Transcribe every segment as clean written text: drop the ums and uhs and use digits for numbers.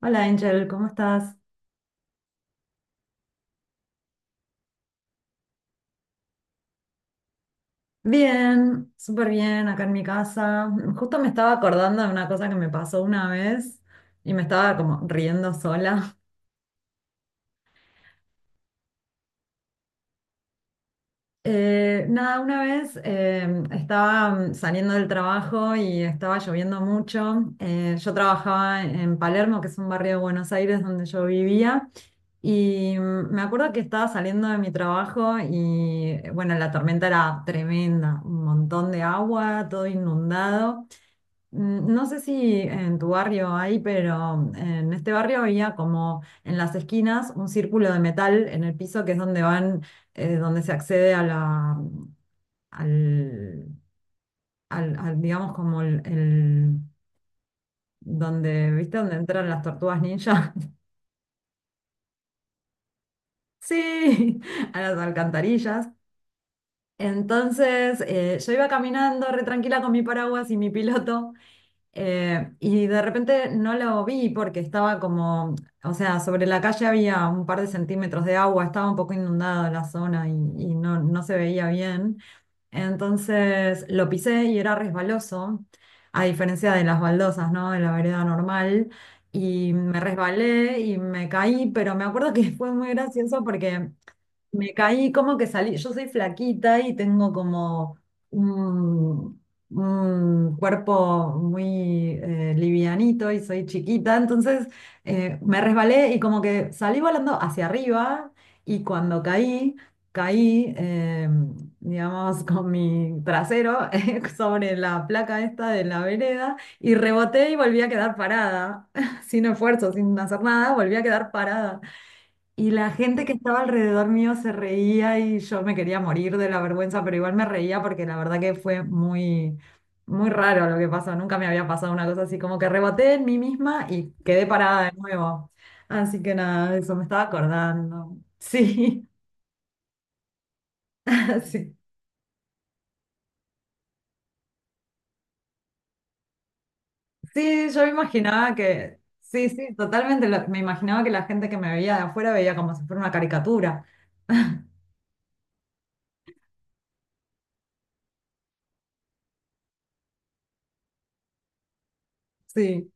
Hola Angel, ¿cómo estás? Bien, súper bien, acá en mi casa. Justo me estaba acordando de una cosa que me pasó una vez y me estaba como riendo sola. Nada, una vez estaba saliendo del trabajo y estaba lloviendo mucho. Yo trabajaba en Palermo, que es un barrio de Buenos Aires donde yo vivía. Y me acuerdo que estaba saliendo de mi trabajo y bueno, la tormenta era tremenda, un montón de agua, todo inundado. No sé si en tu barrio hay, pero en este barrio había como en las esquinas un círculo de metal en el piso que es donde van, donde se accede a la, al, al- al, digamos como donde, ¿viste? Donde entran las tortugas ninja. Sí, a las alcantarillas. Entonces, yo iba caminando re tranquila con mi paraguas y mi piloto. Y de repente no lo vi porque estaba como, o sea, sobre la calle había un par de centímetros de agua, estaba un poco inundada la zona y no, no se veía bien. Entonces lo pisé y era resbaloso, a diferencia de las baldosas, ¿no? De la vereda normal. Y me resbalé y me caí, pero me acuerdo que fue muy gracioso porque me caí como que salí, yo soy flaquita y tengo como un, un cuerpo muy livianito y soy chiquita, entonces me resbalé y como que salí volando hacia arriba y cuando caí, caí, digamos, con mi trasero sobre la placa esta de la vereda y reboté y volví a quedar parada, sin esfuerzo, sin hacer nada, volví a quedar parada. Y la gente que estaba alrededor mío se reía y yo me quería morir de la vergüenza, pero igual me reía porque la verdad que fue muy raro lo que pasó. Nunca me había pasado una cosa así, como que reboté en mí misma y quedé parada de nuevo. Así que nada, eso me estaba acordando. Sí, sí, sí, yo me imaginaba que, sí, totalmente, me imaginaba que la gente que me veía de afuera veía como si fuera una caricatura. Sí,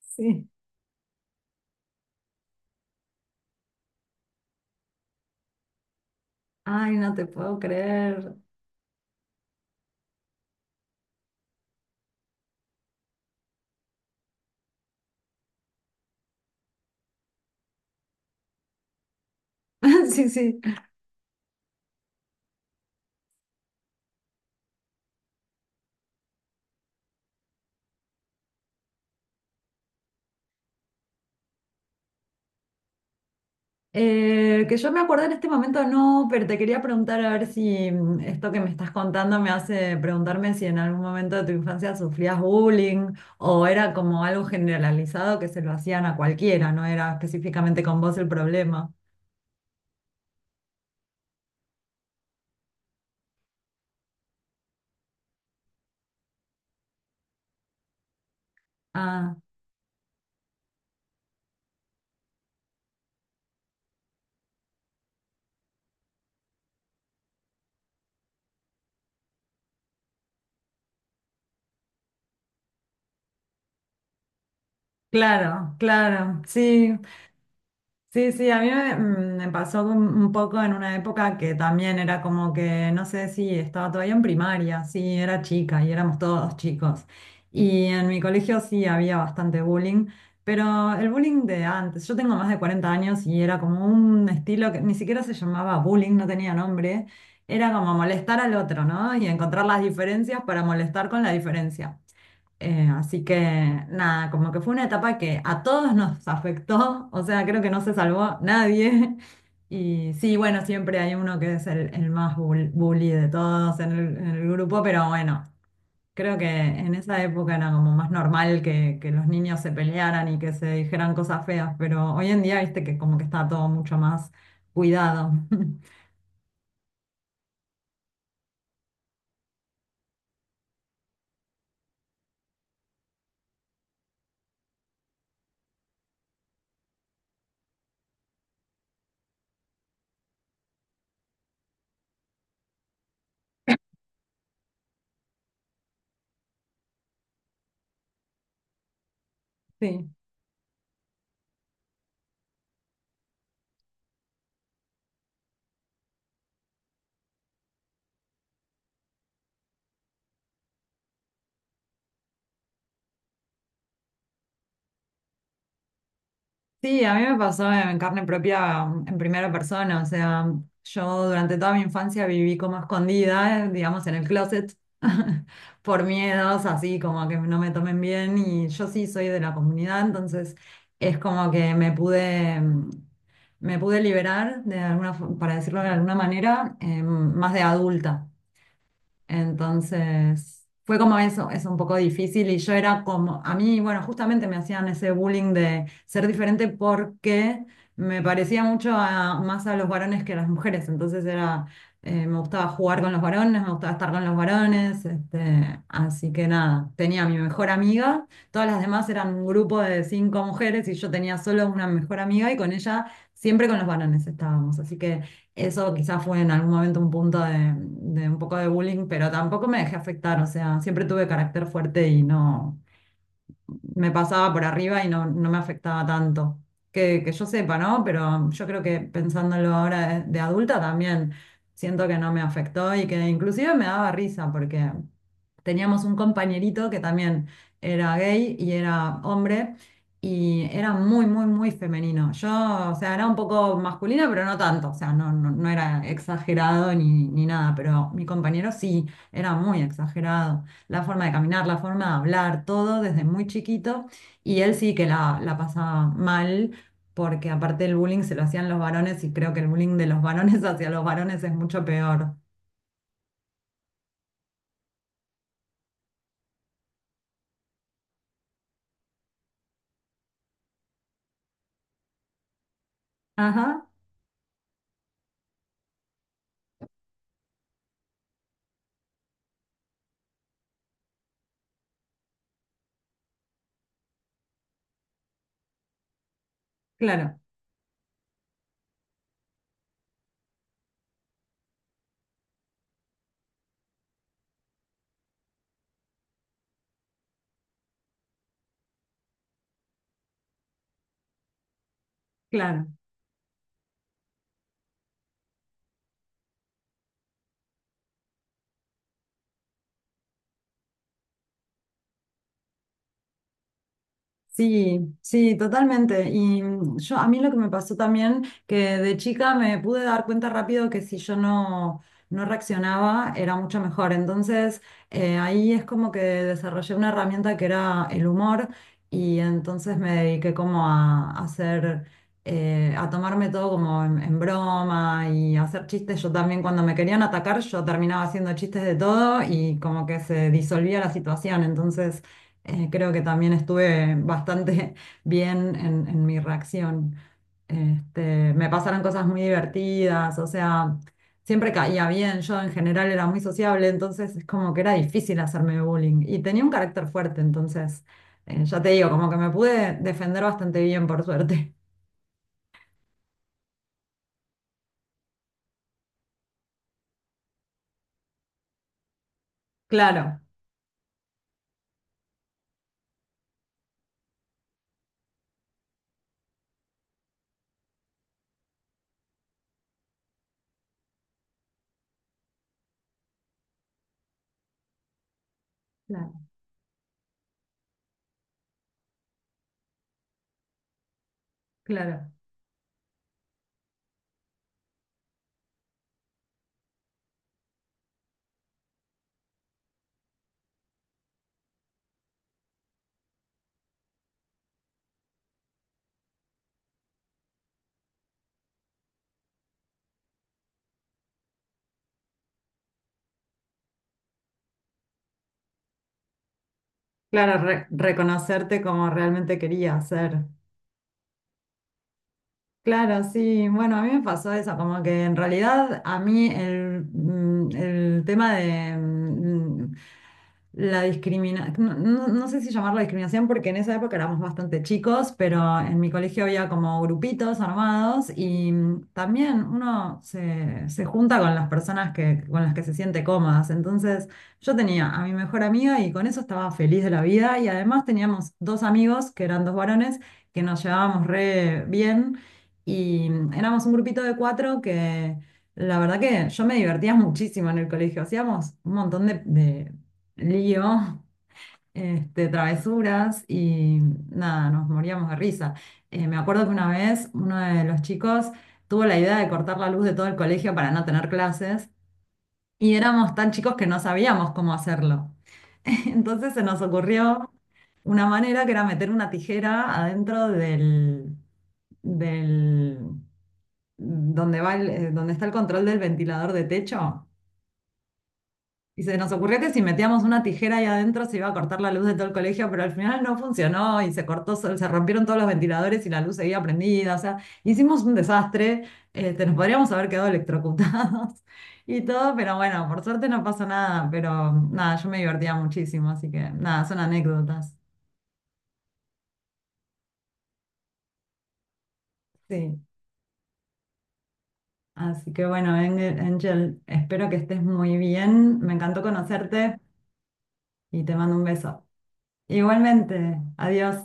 sí. Ay, no te puedo creer. Sí, sí. Que yo me acordé en este momento no, pero te quería preguntar a ver si esto que me estás contando me hace preguntarme si en algún momento de tu infancia sufrías bullying o era como algo generalizado que se lo hacían a cualquiera, no era específicamente con vos el problema. Ah, claro, claro, sí. Sí, sí, a mí me pasó un poco en una época que también era como que, no sé si estaba todavía en primaria, sí, era chica y éramos todos chicos. Y en mi colegio sí había bastante bullying, pero el bullying de antes, yo tengo más de 40 años y era como un estilo que ni siquiera se llamaba bullying, no tenía nombre, era como molestar al otro, ¿no? Y encontrar las diferencias para molestar con la diferencia. Así que nada, como que fue una etapa que a todos nos afectó, o sea, creo que no se salvó nadie. Y sí, bueno, siempre hay uno que es el más bully de todos en en el grupo, pero bueno, creo que en esa época era como más normal que los niños se pelearan y que se dijeran cosas feas, pero hoy en día, viste que como que está todo mucho más cuidado. Sí. Sí, a mí me pasó en carne propia, en primera persona, o sea, yo durante toda mi infancia viví como escondida, digamos, en el closet, por miedos, así como que no me tomen bien, y yo sí soy de la comunidad, entonces es como que me pude, me pude liberar de alguna, para decirlo de alguna manera, más de adulta. Entonces, fue como eso, es un poco difícil y yo era como, a mí, bueno, justamente me hacían ese bullying de ser diferente porque me parecía mucho más a los varones que a las mujeres, entonces era, me gustaba jugar con los varones, me gustaba estar con los varones, este, así que nada, tenía a mi mejor amiga, todas las demás eran un grupo de 5 mujeres y yo tenía solo una mejor amiga y con ella siempre con los varones estábamos, así que... Eso quizás fue en algún momento un punto de un poco de bullying, pero tampoco me dejé afectar, o sea, siempre tuve carácter fuerte y no, me pasaba por arriba y no, no me afectaba tanto. Que yo sepa, ¿no? Pero yo creo que pensándolo ahora de adulta también siento que no me afectó y que inclusive me daba risa porque teníamos un compañerito que también era gay y era hombre y era muy, muy, muy femenino. Yo, o sea, era un poco masculina, pero no tanto, o sea, no, no, no era exagerado ni, ni nada, pero mi compañero sí, era muy exagerado la forma de caminar, la forma de hablar, todo desde muy chiquito. Y él sí que la pasaba mal, porque aparte el bullying se lo hacían los varones y creo que el bullying de los varones hacia los varones es mucho peor. Ajá, claro, claro. Sí, sí, totalmente. Y yo a mí lo que me pasó también, que de chica me pude dar cuenta rápido que si yo no, no reaccionaba era mucho mejor. Entonces ahí es como que desarrollé una herramienta que era el humor y entonces me dediqué como a hacer, a tomarme todo como en broma y a hacer chistes. Yo también cuando me querían atacar yo terminaba haciendo chistes de todo y como que se disolvía la situación. Entonces... Creo que también estuve bastante bien en mi reacción. Este, me pasaron cosas muy divertidas, o sea, siempre caía bien. Yo en general era muy sociable, entonces es como que era difícil hacerme bullying. Y tenía un carácter fuerte, entonces, ya te digo, como que me pude defender bastante bien, por suerte. Claro, claro, claro. Claro, reconocerte como realmente quería ser. Claro, sí. Bueno, a mí me pasó eso, como que en realidad a mí el tema de la discriminación, no, no sé si llamarlo discriminación porque en esa época éramos bastante chicos, pero en mi colegio había como grupitos armados y también uno se junta con las personas que, con las que se siente cómodas. Entonces yo tenía a mi mejor amiga y con eso estaba feliz de la vida y además teníamos dos amigos que eran dos varones que nos llevábamos re bien. Y éramos un grupito de cuatro que la verdad que yo me divertía muchísimo en el colegio. Hacíamos un montón de lío, este, travesuras y nada, nos moríamos de risa. Me acuerdo que una vez uno de los chicos tuvo la idea de cortar la luz de todo el colegio para no tener clases y éramos tan chicos que no sabíamos cómo hacerlo. Entonces se nos ocurrió una manera que era meter una tijera adentro del donde va donde está el control del ventilador de techo. Y se nos ocurrió que si metíamos una tijera ahí adentro se iba a cortar la luz de todo el colegio, pero al final no funcionó y se cortó, se rompieron todos los ventiladores y la luz seguía prendida. O sea, hicimos un desastre, este, nos podríamos haber quedado electrocutados y todo, pero bueno, por suerte no pasó nada, pero nada, yo me divertía muchísimo, así que nada, son anécdotas. Sí. Así que bueno, Angel, espero que estés muy bien. Me encantó conocerte y te mando un beso. Igualmente, adiós.